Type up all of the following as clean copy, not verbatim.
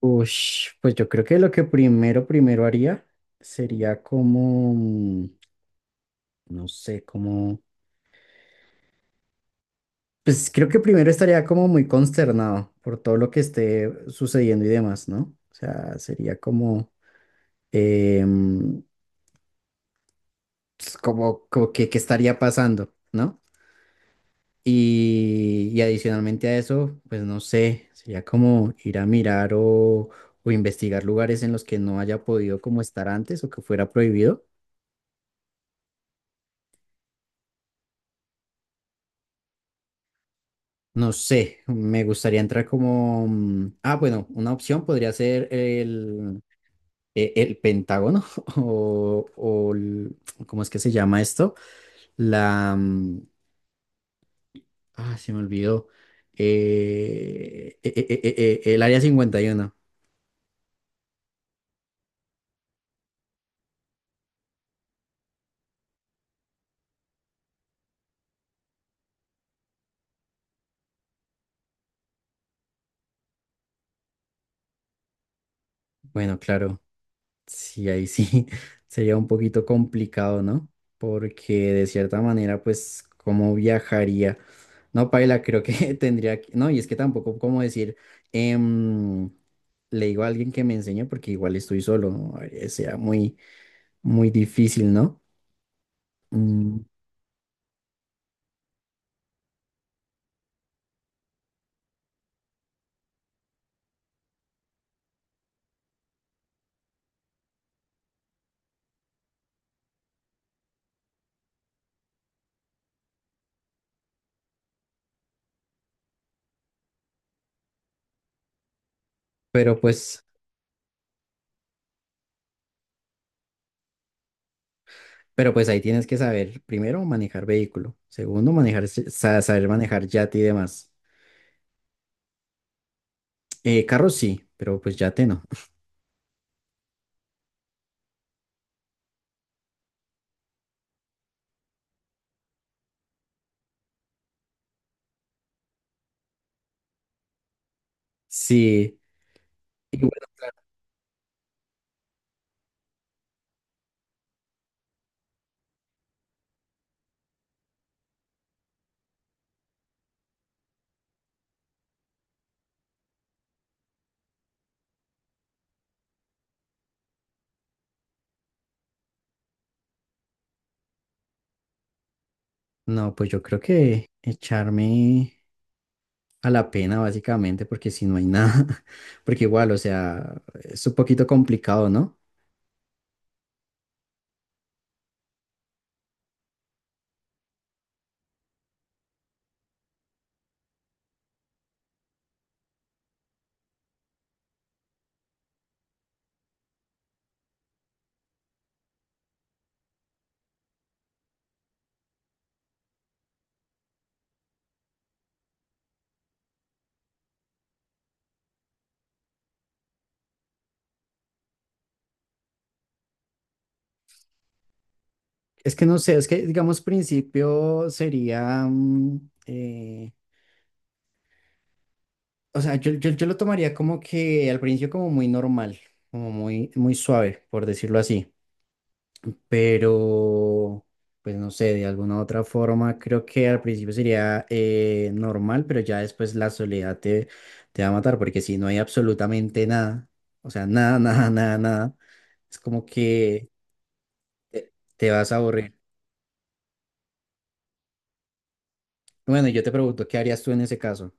Ush, pues yo creo que lo que primero, primero haría sería como, no sé, como, pues creo que primero estaría como muy consternado por todo lo que esté sucediendo y demás, ¿no? O sea, sería como, eh, mm, pues, como, como que estaría pasando, ¿no? Y adicionalmente a eso, pues no sé, sería como ir a mirar o investigar lugares en los que no haya podido como estar antes o que fuera prohibido. No sé, me gustaría entrar como... mm, ah, bueno, una opción podría ser el, el Pentágono o el. ¿Cómo es que se llama esto? La... mm, Ah, se me olvidó. El Área 51. Bueno, claro. Sí, ahí sí sería un poquito complicado, ¿no? Porque de cierta manera, pues, ¿cómo viajaría? No, Paila, creo que tendría que... No, y es que tampoco como decir, em, le digo a alguien que me enseñe porque igual estoy solo, ¿no? Sea muy, muy difícil, ¿no? Mm, pero pues, pero pues ahí tienes que saber, primero, manejar vehículo. Segundo, manejar, saber manejar yate y demás. Carro sí, pero pues yate no. Sí. No, pues yo creo que echarme a la pena básicamente, porque si no hay nada, porque igual, o sea, es un poquito complicado, ¿no? Es que no sé, es que digamos principio sería, o sea, yo lo tomaría como que al principio como muy normal, como muy, muy suave, por decirlo así. Pero pues no sé, de alguna otra forma, creo que al principio sería normal, pero ya después la soledad te, te va a matar, porque si no hay absolutamente nada, o sea, nada, nada, nada, nada, es como que te, te vas a aburrir. Bueno, y yo te pregunto, ¿qué harías tú en ese caso?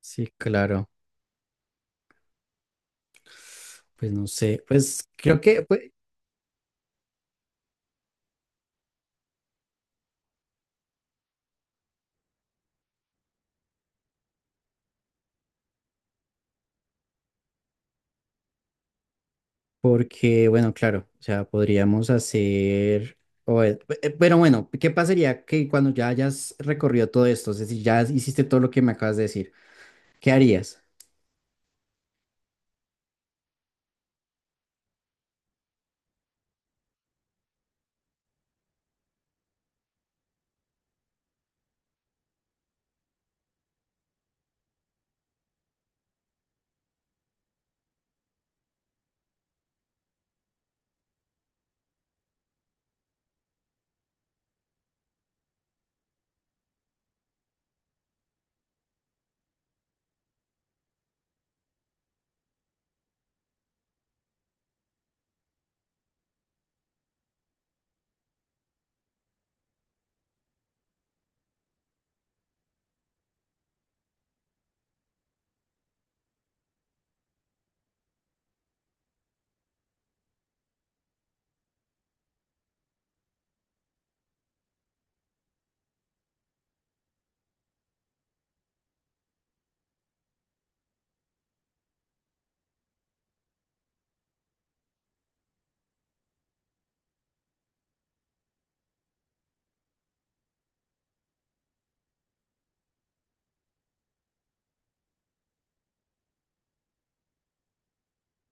Sí, claro. Pues no sé, pues creo que pues, porque, bueno, claro, o sea, podríamos hacer, o, pero bueno, ¿qué pasaría que cuando ya hayas recorrido todo esto? Es decir, ya hiciste todo lo que me acabas de decir, ¿qué harías?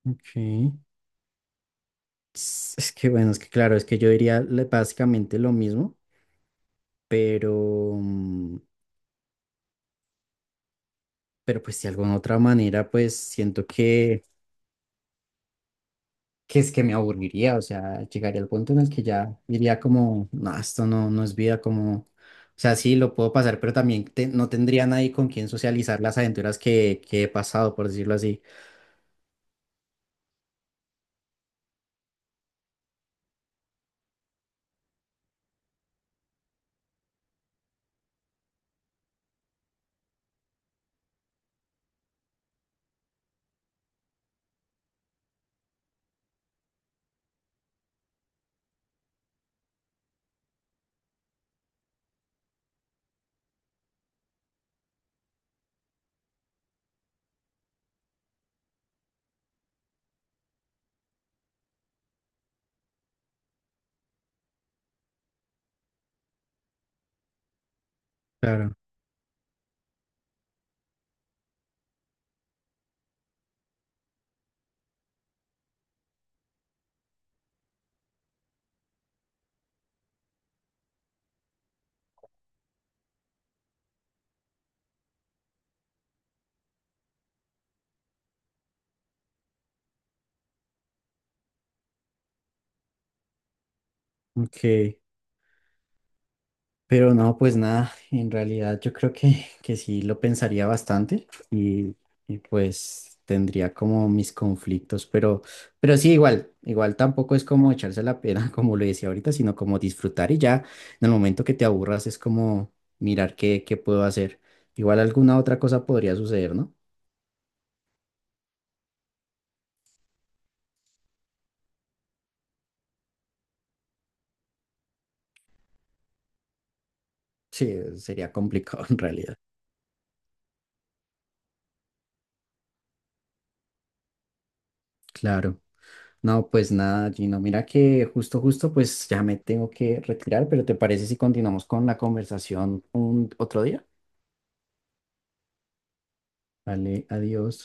Ok. Es que, bueno, es que claro, es que yo diría básicamente lo mismo, pero, pero pues de alguna otra manera, pues siento que es que me aburriría, o sea, llegaría al punto en el que ya diría como, no, esto no, no es vida, como, o sea, sí, lo puedo pasar, pero también no tendría nadie con quien socializar las aventuras que he pasado, por decirlo así. Claro. Ok. Pero no, pues nada, en realidad yo creo que sí lo pensaría bastante y pues tendría como mis conflictos, pero sí, igual, igual tampoco es como echarse la pena, como lo decía ahorita, sino como disfrutar y ya en el momento que te aburras es como mirar qué, qué puedo hacer. Igual alguna otra cosa podría suceder, ¿no? Sí, sería complicado en realidad. Claro. No, pues nada, Gino. Mira que justo, justo, pues ya me tengo que retirar, pero ¿te parece si continuamos con la conversación un otro día? Vale, adiós.